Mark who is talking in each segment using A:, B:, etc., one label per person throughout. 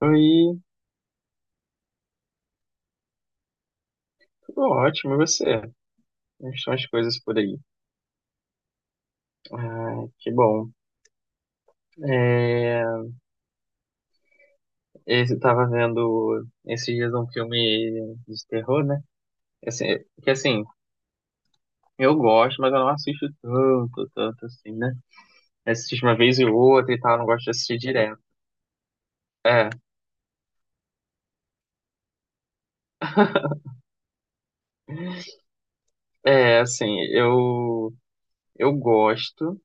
A: Oi, tudo ótimo, e você? Como estão as coisas por aí? Ah, que bom. É, eu tava vendo esses dias um filme de terror, né? Assim, é- que assim, eu gosto, mas eu não assisto tanto assim, né? Eu assisto uma vez e outra e tal, eu não gosto de assistir direto. É, é assim, eu gosto,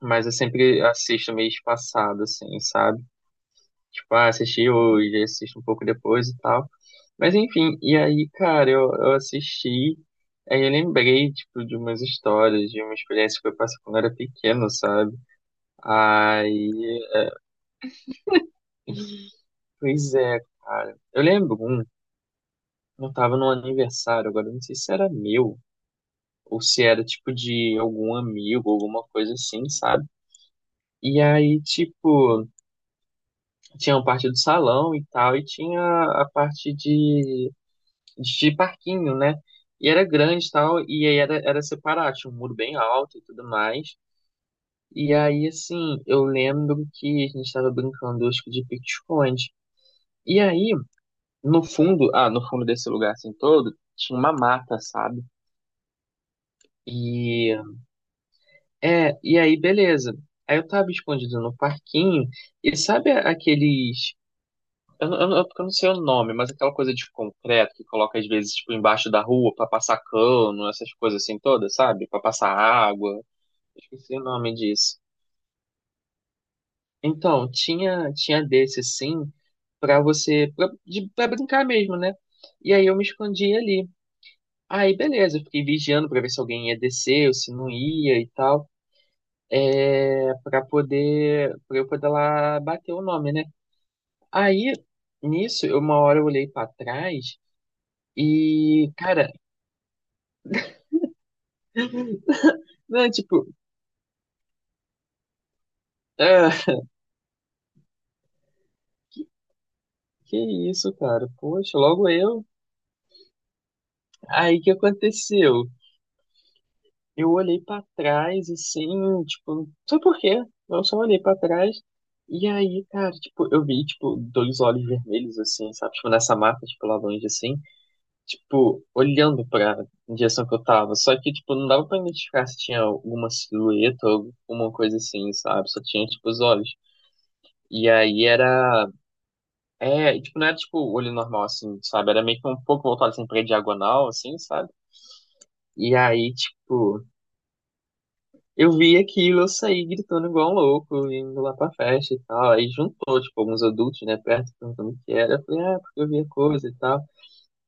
A: mas eu sempre assisto meio espaçado, assim, sabe? Tipo, ah, assisti hoje, assisto um pouco depois e tal. Mas enfim, e aí, cara, eu assisti, aí eu lembrei, tipo, de umas histórias, de uma experiência que eu passei quando eu era pequeno, sabe? Aí, pois é, cara. Eu lembro um, eu tava num aniversário, agora eu não sei se era meu, ou se era, tipo, de algum amigo, alguma coisa assim, sabe? E aí, tipo, tinha a parte do salão e tal, e tinha a parte de parquinho, né? E era grande e tal, e aí era, era separado, tinha um muro bem alto e tudo mais. E aí, assim, eu lembro que a gente tava brincando, acho que de pique-esconde. E aí, no fundo, ah, no fundo desse lugar assim todo, tinha uma mata, sabe? E, é, e aí, beleza. Aí eu tava escondido no parquinho, e sabe aqueles... Eu não sei o nome, mas aquela coisa de concreto que coloca às vezes tipo embaixo da rua pra passar cano, essas coisas assim todas, sabe? Pra passar água. Esqueci o nome disso. Então, tinha desse sim pra você pra brincar mesmo, né? E aí eu me escondi ali. Aí beleza, eu fiquei vigiando pra ver se alguém ia descer ou se não ia e tal. É, para eu poder lá bater o nome, né? Aí nisso, uma hora eu olhei pra trás e, cara, né, tipo, ah, que isso, cara? Poxa, logo eu. Aí o que aconteceu? Eu olhei pra trás, assim, tipo, não sei por quê. Eu só olhei pra trás. E aí, cara, tipo, eu vi, tipo, dois olhos vermelhos, assim, sabe? Tipo, nessa mata, tipo, lá longe, assim. Tipo, olhando pra direção que eu tava. Só que, tipo, não dava pra identificar se tinha alguma silhueta ou alguma coisa assim, sabe? Só tinha, tipo, os olhos. E aí era... É, e, tipo, não era tipo olho normal, assim, sabe? Era meio que um pouco voltado assim pra diagonal, assim, sabe? E aí, tipo, eu vi aquilo, eu saí gritando igual um louco, indo lá pra festa e tal. Aí juntou, tipo, alguns adultos, né, perto, perguntando o que era. Eu falei, ah, porque eu vi a coisa e tal.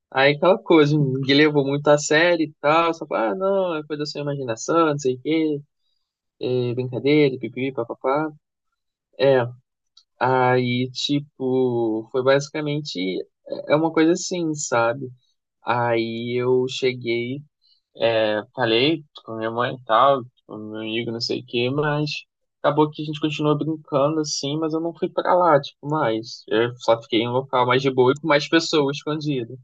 A: Aí aquela coisa, ninguém levou muito a sério e tal. Só falou, ah, não, é coisa da sua imaginação, não sei o quê, é brincadeira, pipi, papapá. É, aí, tipo, foi basicamente. É uma coisa assim, sabe? Aí eu cheguei, é, falei com a minha mãe e tal, com meu amigo, não sei o quê, mas acabou que a gente continuou brincando assim, mas eu não fui pra lá, tipo, mais. Eu só fiquei em um local mais de boa e com mais pessoas escondidas.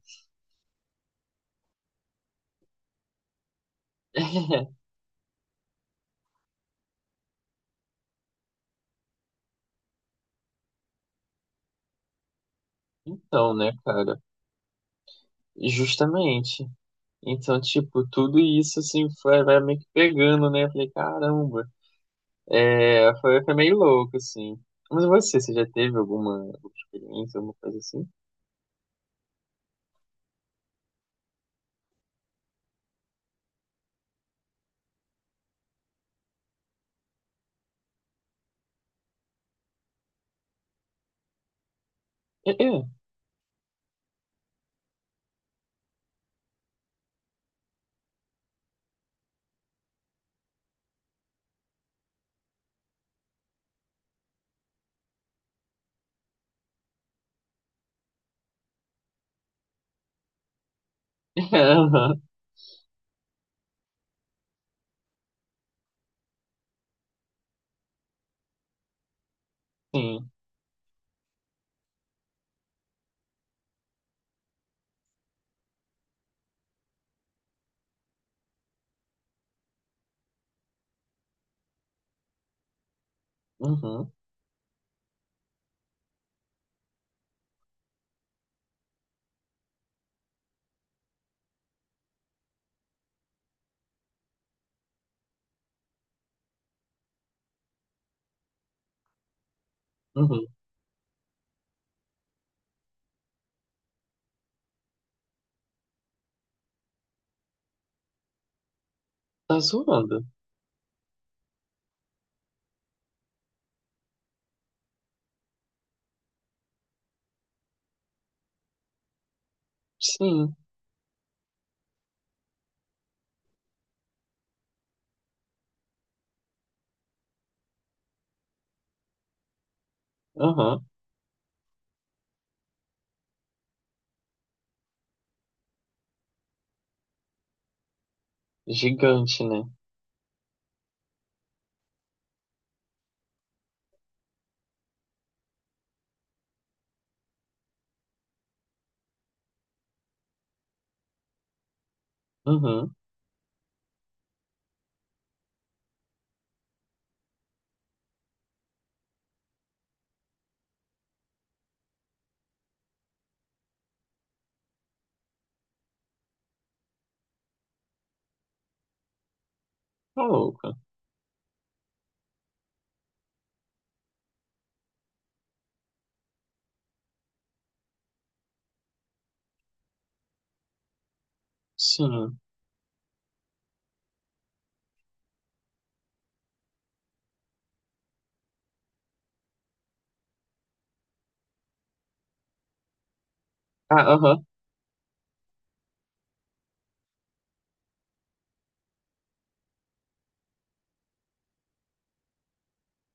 A: Então, né, cara? Justamente. Então, tipo, tudo isso, assim, foi, vai meio que pegando, né? Eu falei, caramba. É, foi meio louco, assim. Mas você já teve alguma experiência, alguma coisa assim? É, é. Aham. Sim. Uhum. Uhum. Tá zoando. Sim. Aham. Gigante, né? Uhum. Tá louca. Sim. Ah, aham.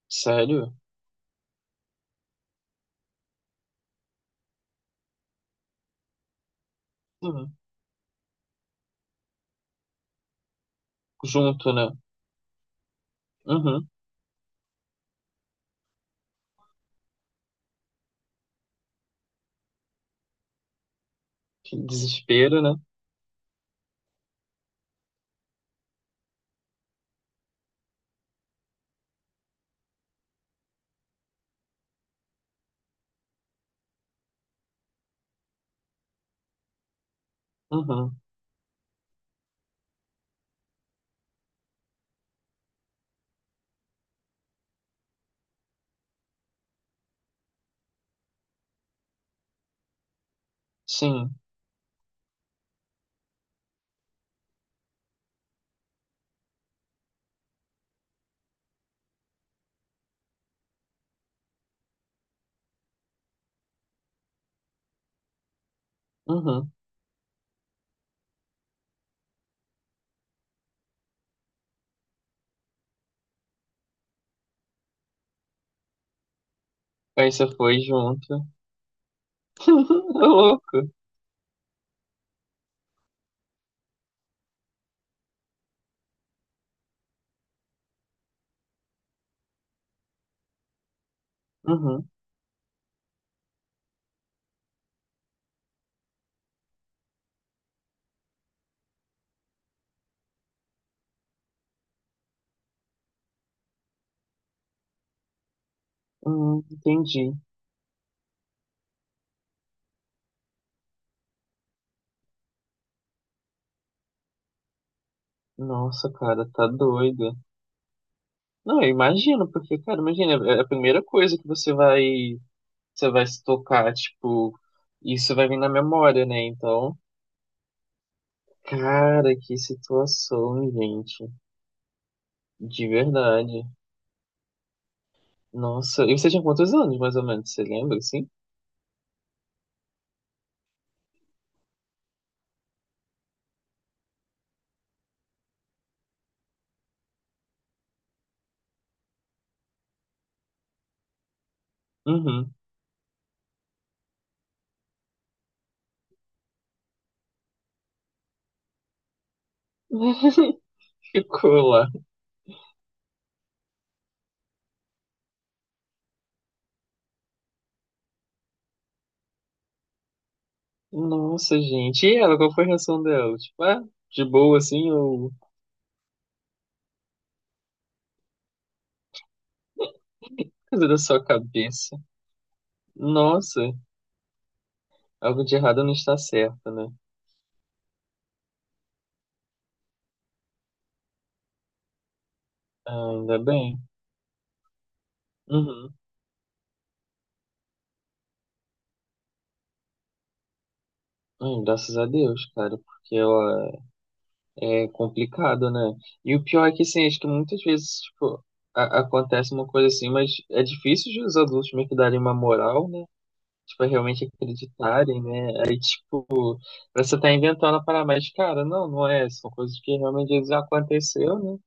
A: Sério? Uhum. Junto, né? Uhum. Que desespero, né? Uhum. Sim. Uhum. Aí você foi junto. Tá louco. Uhum. Entendi. Nossa, cara, tá doida. Não, eu imagino, porque, cara, imagina, é a primeira coisa que você vai se tocar, tipo, isso vai vir na memória, né? Então, cara, que situação, gente. De verdade. Nossa, e você tinha quantos anos, mais ou menos? Você lembra, assim? Uhum. Ficou lá. Nossa, gente. E ela, qual foi a reação dela? Tipo, ah, de boa, assim, ou coisa da sua cabeça? Nossa, algo de errado não está certo, né? Ah, ainda bem. Uhum. Ai, graças a Deus, cara, porque ela... É complicado, né? E o pior é que, assim, acho que muitas vezes, tipo, acontece uma coisa assim, mas é difícil de os adultos meio que darem uma moral, né? Tipo, é realmente acreditarem, né? Aí, tipo, você tá inventando a parada, mas, cara, não, não é. São coisas que realmente já aconteceu, né?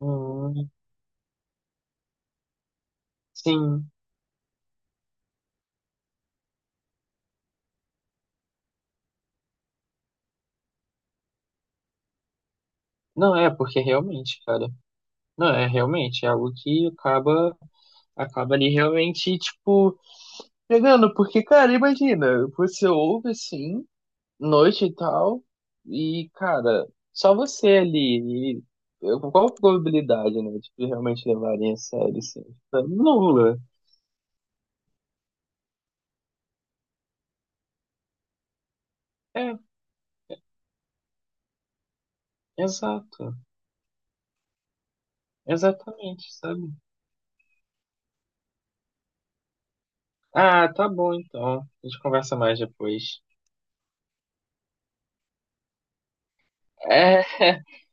A: Hum, sim. Não é, porque realmente, cara. Não, é realmente, é algo que acaba, acaba ali realmente, tipo, pegando, porque, cara, imagina, você ouve assim... noite e tal. E, cara, só você ali. E qual a probabilidade, né, de que realmente levarem a sério, assim? Tipo, nula. É, exato. Exatamente, sabe? Ah, tá bom então. A gente conversa mais depois. É,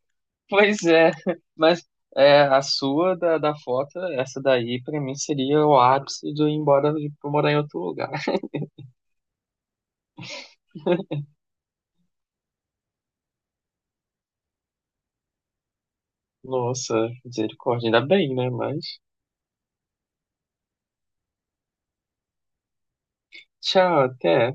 A: pois é. Mas é, a sua da foto, essa daí, pra mim seria o ápice de eu ir embora pra morar em outro lugar. Nossa, misericórdia. Ainda bem, né? Mas... Tchau, até.